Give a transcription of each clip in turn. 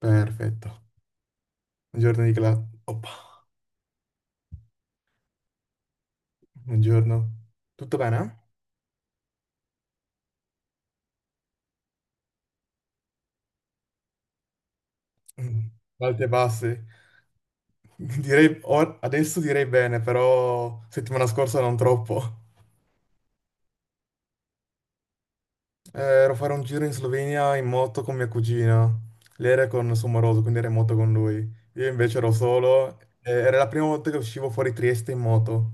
Perfetto. Buongiorno Nicola. Oppa, buongiorno. Tutto bene? Mm. Alti e bassi. Direi, adesso direi bene, però settimana scorsa non troppo. Ero a fare un giro in Slovenia in moto con mia cugina. Lei era con il suo moroso, quindi era in moto con lui. Io invece ero solo. Era la prima volta che uscivo fuori Trieste in moto.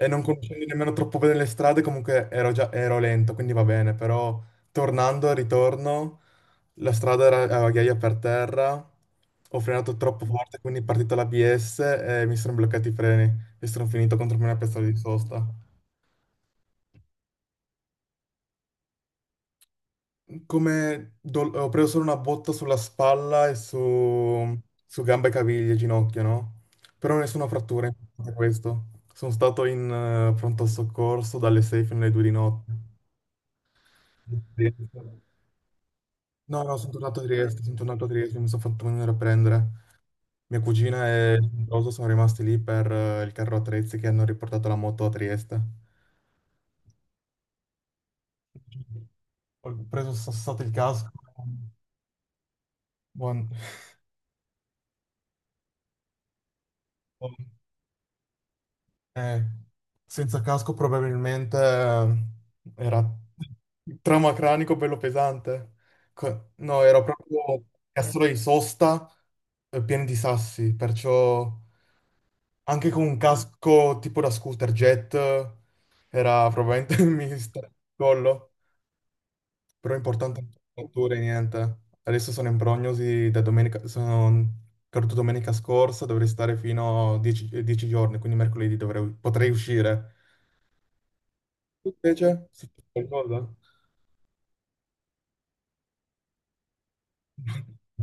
E non conoscendo nemmeno troppo bene le strade, comunque ero già ero lento, quindi va bene, però tornando al ritorno, la strada era a ghiaia per terra, ho frenato troppo forte, quindi è partita l'ABS e mi sono bloccati i freni e sono finito contro una piazzola di sosta. Ho preso solo una botta sulla spalla e su, su gambe e caviglie, ginocchio, no? Però nessuna frattura, importante questo. Sono stato in pronto soccorso dalle 6 fino alle 2 di notte. No, no, sono tornato a Trieste, sono tornato a Trieste, mi sono fatto venire a prendere. Mia cugina e il sposo sono rimasti lì per il carro attrezzi che hanno riportato la moto a Trieste. Ho preso sassato il casco. Buon. buon- eh, Senza casco probabilmente era trauma cranico bello pesante. No, ero proprio castro di sosta pieno di sassi, perciò... Anche con un casco tipo da scooter jet era probabilmente mi stava il collo, però è importante anche la fattura, niente. Adesso sono in prognosi da domenica, sono caduto domenica scorsa, dovrei stare fino a 10 giorni, quindi mercoledì potrei uscire. Tu invece, sì, qualcosa?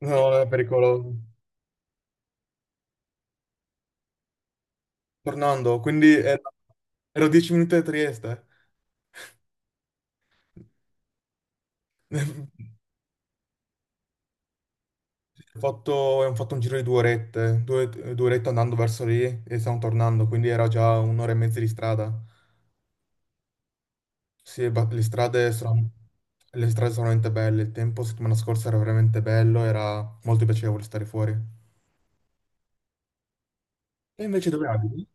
No, è pericoloso. Tornando, quindi ero, ero 10 minuti da Trieste. Abbiamo fatto un giro di due orette, due orette andando verso lì e stiamo tornando, quindi era già un'ora e mezza di strada. Sì, le strade sono veramente belle, il tempo settimana scorsa era veramente bello, era molto piacevole stare fuori. E invece dove abiti?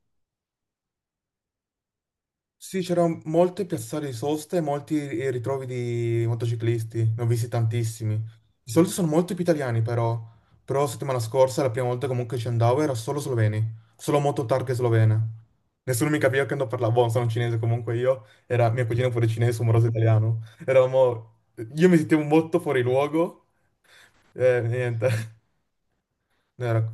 Sì, c'erano molte piazzate di sosta e molti ritrovi di motociclisti, ne ho visti tantissimi. Di solito sono molto più italiani però, però la settimana scorsa, la prima volta comunque ci andavo, era solo sloveni, solo moto targhe slovene. Nessuno mi capiva che non parlavo, buono, sono cinese comunque io, era mia cugina pure cinese, sono moroso italiano. Eravamo, io mi sentivo molto fuori luogo, e niente. No, era-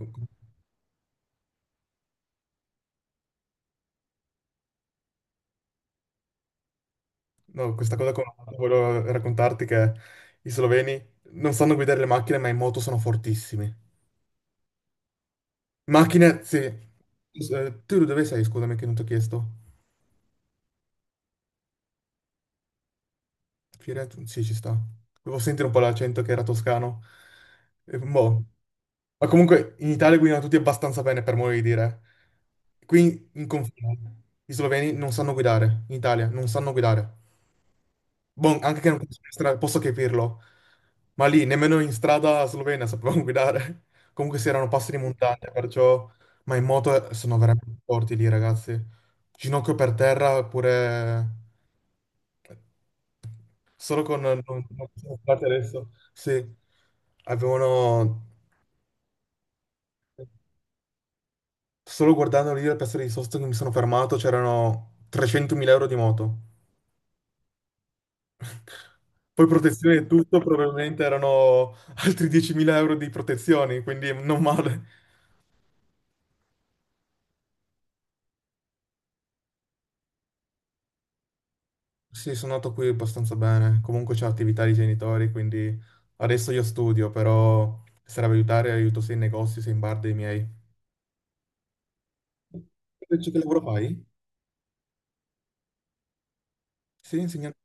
no, questa cosa con... volevo raccontarti che i sloveni non sanno guidare le macchine, ma in moto sono fortissimi. Macchine, sì. Tu dove sei, scusami, che non ti ho chiesto? Firenze? Sì, ci sta. Devo sentire un po' l'accento che era toscano. Boh. Ma comunque in Italia guidano tutti abbastanza bene, per modo di dire. Qui in confine, i sloveni non sanno guidare, in Italia non sanno guidare. Boh, anche che non conosco la strada, posso capirlo. Ma lì, nemmeno in strada slovena sapevamo guidare. Comunque si erano passi di montagna, perciò... Ma in moto sono veramente forti lì, ragazzi. Ginocchio per terra, oppure... Solo con... Non sono stati adesso. Sì. Avevano... Solo guardando lì la piazza di sosta che mi sono fermato, c'erano 300.000 euro di moto. Poi protezione e tutto, probabilmente erano altri 10.000 euro di protezioni, quindi non male. Sì, sono nato qui abbastanza bene. Comunque c'è attività dei genitori, quindi adesso io studio, però se serve aiutare, aiuto sia in negozi sia in bar dei miei. Invece che lavoro fai? Sì, insegnante.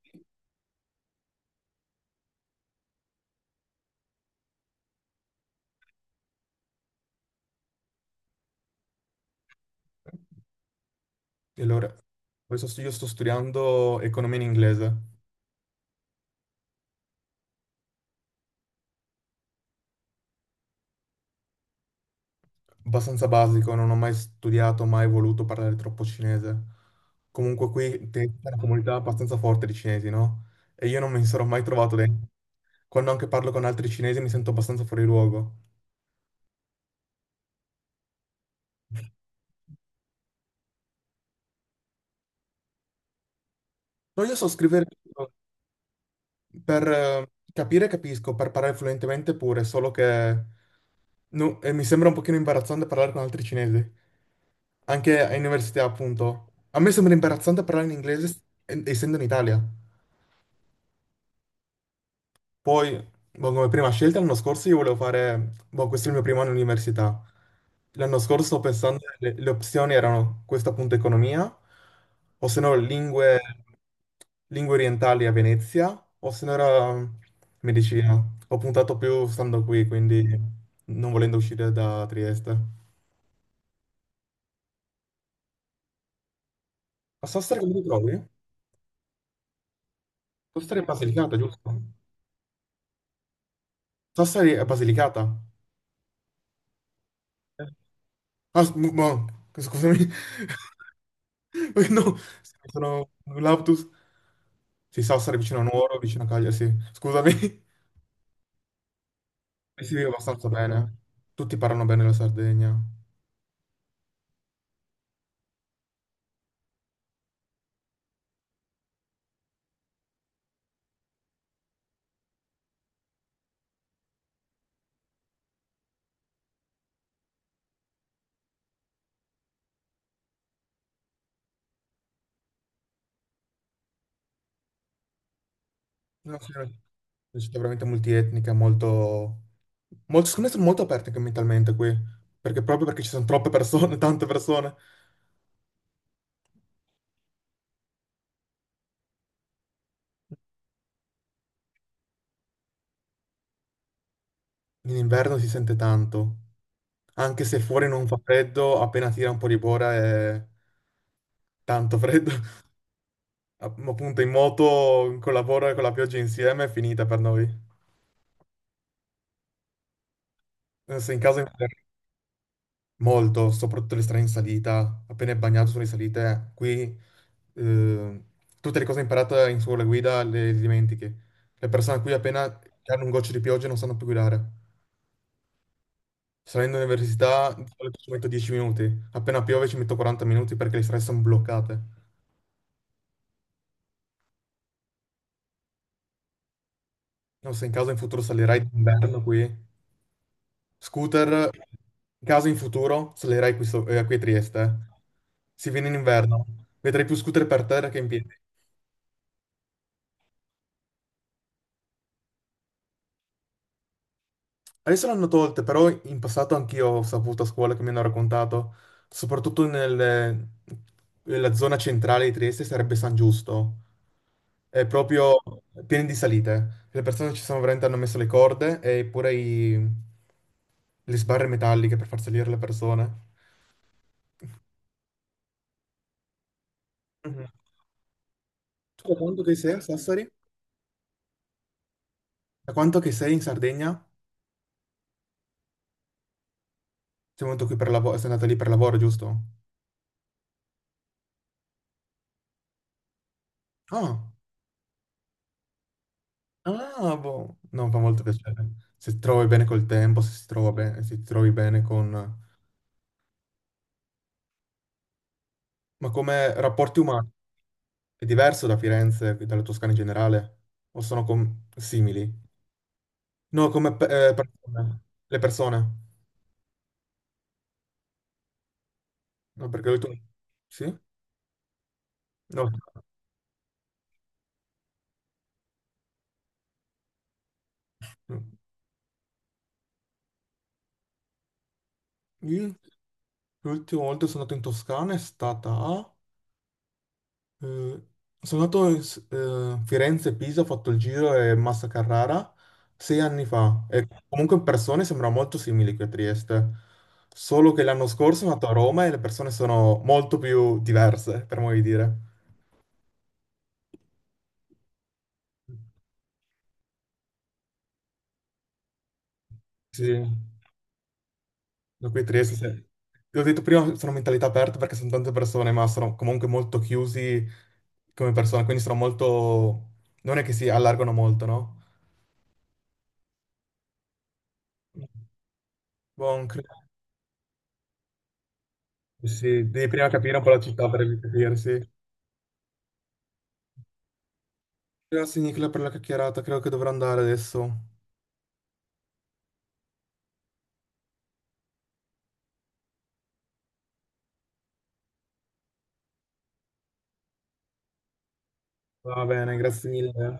E allora, adesso io sto studiando economia in inglese. Abbastanza basico, non ho mai studiato, mai voluto parlare troppo cinese. Comunque qui c'è una comunità abbastanza forte di cinesi, no? E io non mi sarò mai trovato dentro. Quando anche parlo con altri cinesi mi sento abbastanza fuori luogo. No, io so scrivere per capire, capisco, per parlare fluentemente pure, solo che no, e mi sembra un pochino imbarazzante parlare con altri cinesi, anche all'università, appunto. A me sembra imbarazzante parlare in inglese essendo in Italia. Poi, boh, come prima scelta, l'anno scorso io volevo fare, boh, questo è il mio primo anno di università. L'anno scorso sto pensando, le opzioni erano questa appunto economia, o se no lingue, lingue orientali a Venezia, o se no era medicina. Ho puntato più stando qui, quindi non volendo uscire da Trieste. A Sassari come ti trovi? Sassari è Basilicata, giusto? Sassari è Basilicata. Ah, s- boh, scusami. No, sono un lapsus. Sì, Sassari vicino a Nuoro, vicino a Cagliari, sì. Scusami, Eh si vive abbastanza bene. Tutti parlano bene la Sardegna. No, sì, è una città veramente multietnica, molto... molto... Secondo me sono molto aperte anche mentalmente qui, perché proprio perché ci sono troppe persone, tante persone, in inverno si sente tanto. Anche se fuori non fa freddo, appena tira un po' di bora è tanto freddo. Appunto in moto, con la bora e con la pioggia insieme è finita per noi. Se in casa molto, soprattutto le strade in salita, appena è bagnato sulle salite, qui eh, tutte le cose imparate in scuola guida le dimentichi. Le persone qui appena che hanno un goccio di pioggia non sanno più guidare. Salendo all'università di solito ci metto 10 minuti, appena piove ci metto 40 minuti perché le strade sono bloccate. Non so, in caso in futuro salirai d'inverno qui. Scooter, in caso in futuro salirai qui, qui a Trieste. Si viene in inverno, vedrai più scooter per terra che in piedi. Adesso l'hanno tolte, però in passato anch'io ho saputo a scuola che mi hanno raccontato, soprattutto nella zona centrale di Trieste sarebbe San Giusto, è proprio pieno di salite. Le persone ci sono veramente hanno messo le corde e pure le sbarre metalliche per far salire le persone. Mhm. Tu da quanto che sei a Sassari? Da quanto che sei in Sardegna? Sei venuto qui per lavoro, sei andato lì per lavoro, giusto? Ah. Ah, boh. No, fa molto piacere. Se ti trovi bene col tempo, se si trova bene, se ti trovi bene con... Ma come rapporti umani? È diverso da Firenze, dalla Toscana in generale? O sono simili? No, come persone. Le persone. No, perché l'ultimo... Sì? No. Io l'ultima volta che sono andato in Toscana è stata a... Mm, sono andato in Firenze e Pisa, ho fatto il giro e Massa Carrara sei anni fa e comunque in persone sembra molto simile qui a Trieste, solo che l'anno scorso sono andato a Roma e le persone sono molto più diverse, per modo di dire. Sì. Da qui a Trieste, l'ho detto prima, sono mentalità aperte perché sono tante persone, ma sono comunque molto chiusi come persone, quindi sono molto... non è che si allargano molto, no? Buon, sì, devi prima capire un po' la città per capirsi. Grazie Nicola per la chiacchierata, credo che dovrò andare adesso. Va bene, grazie mille.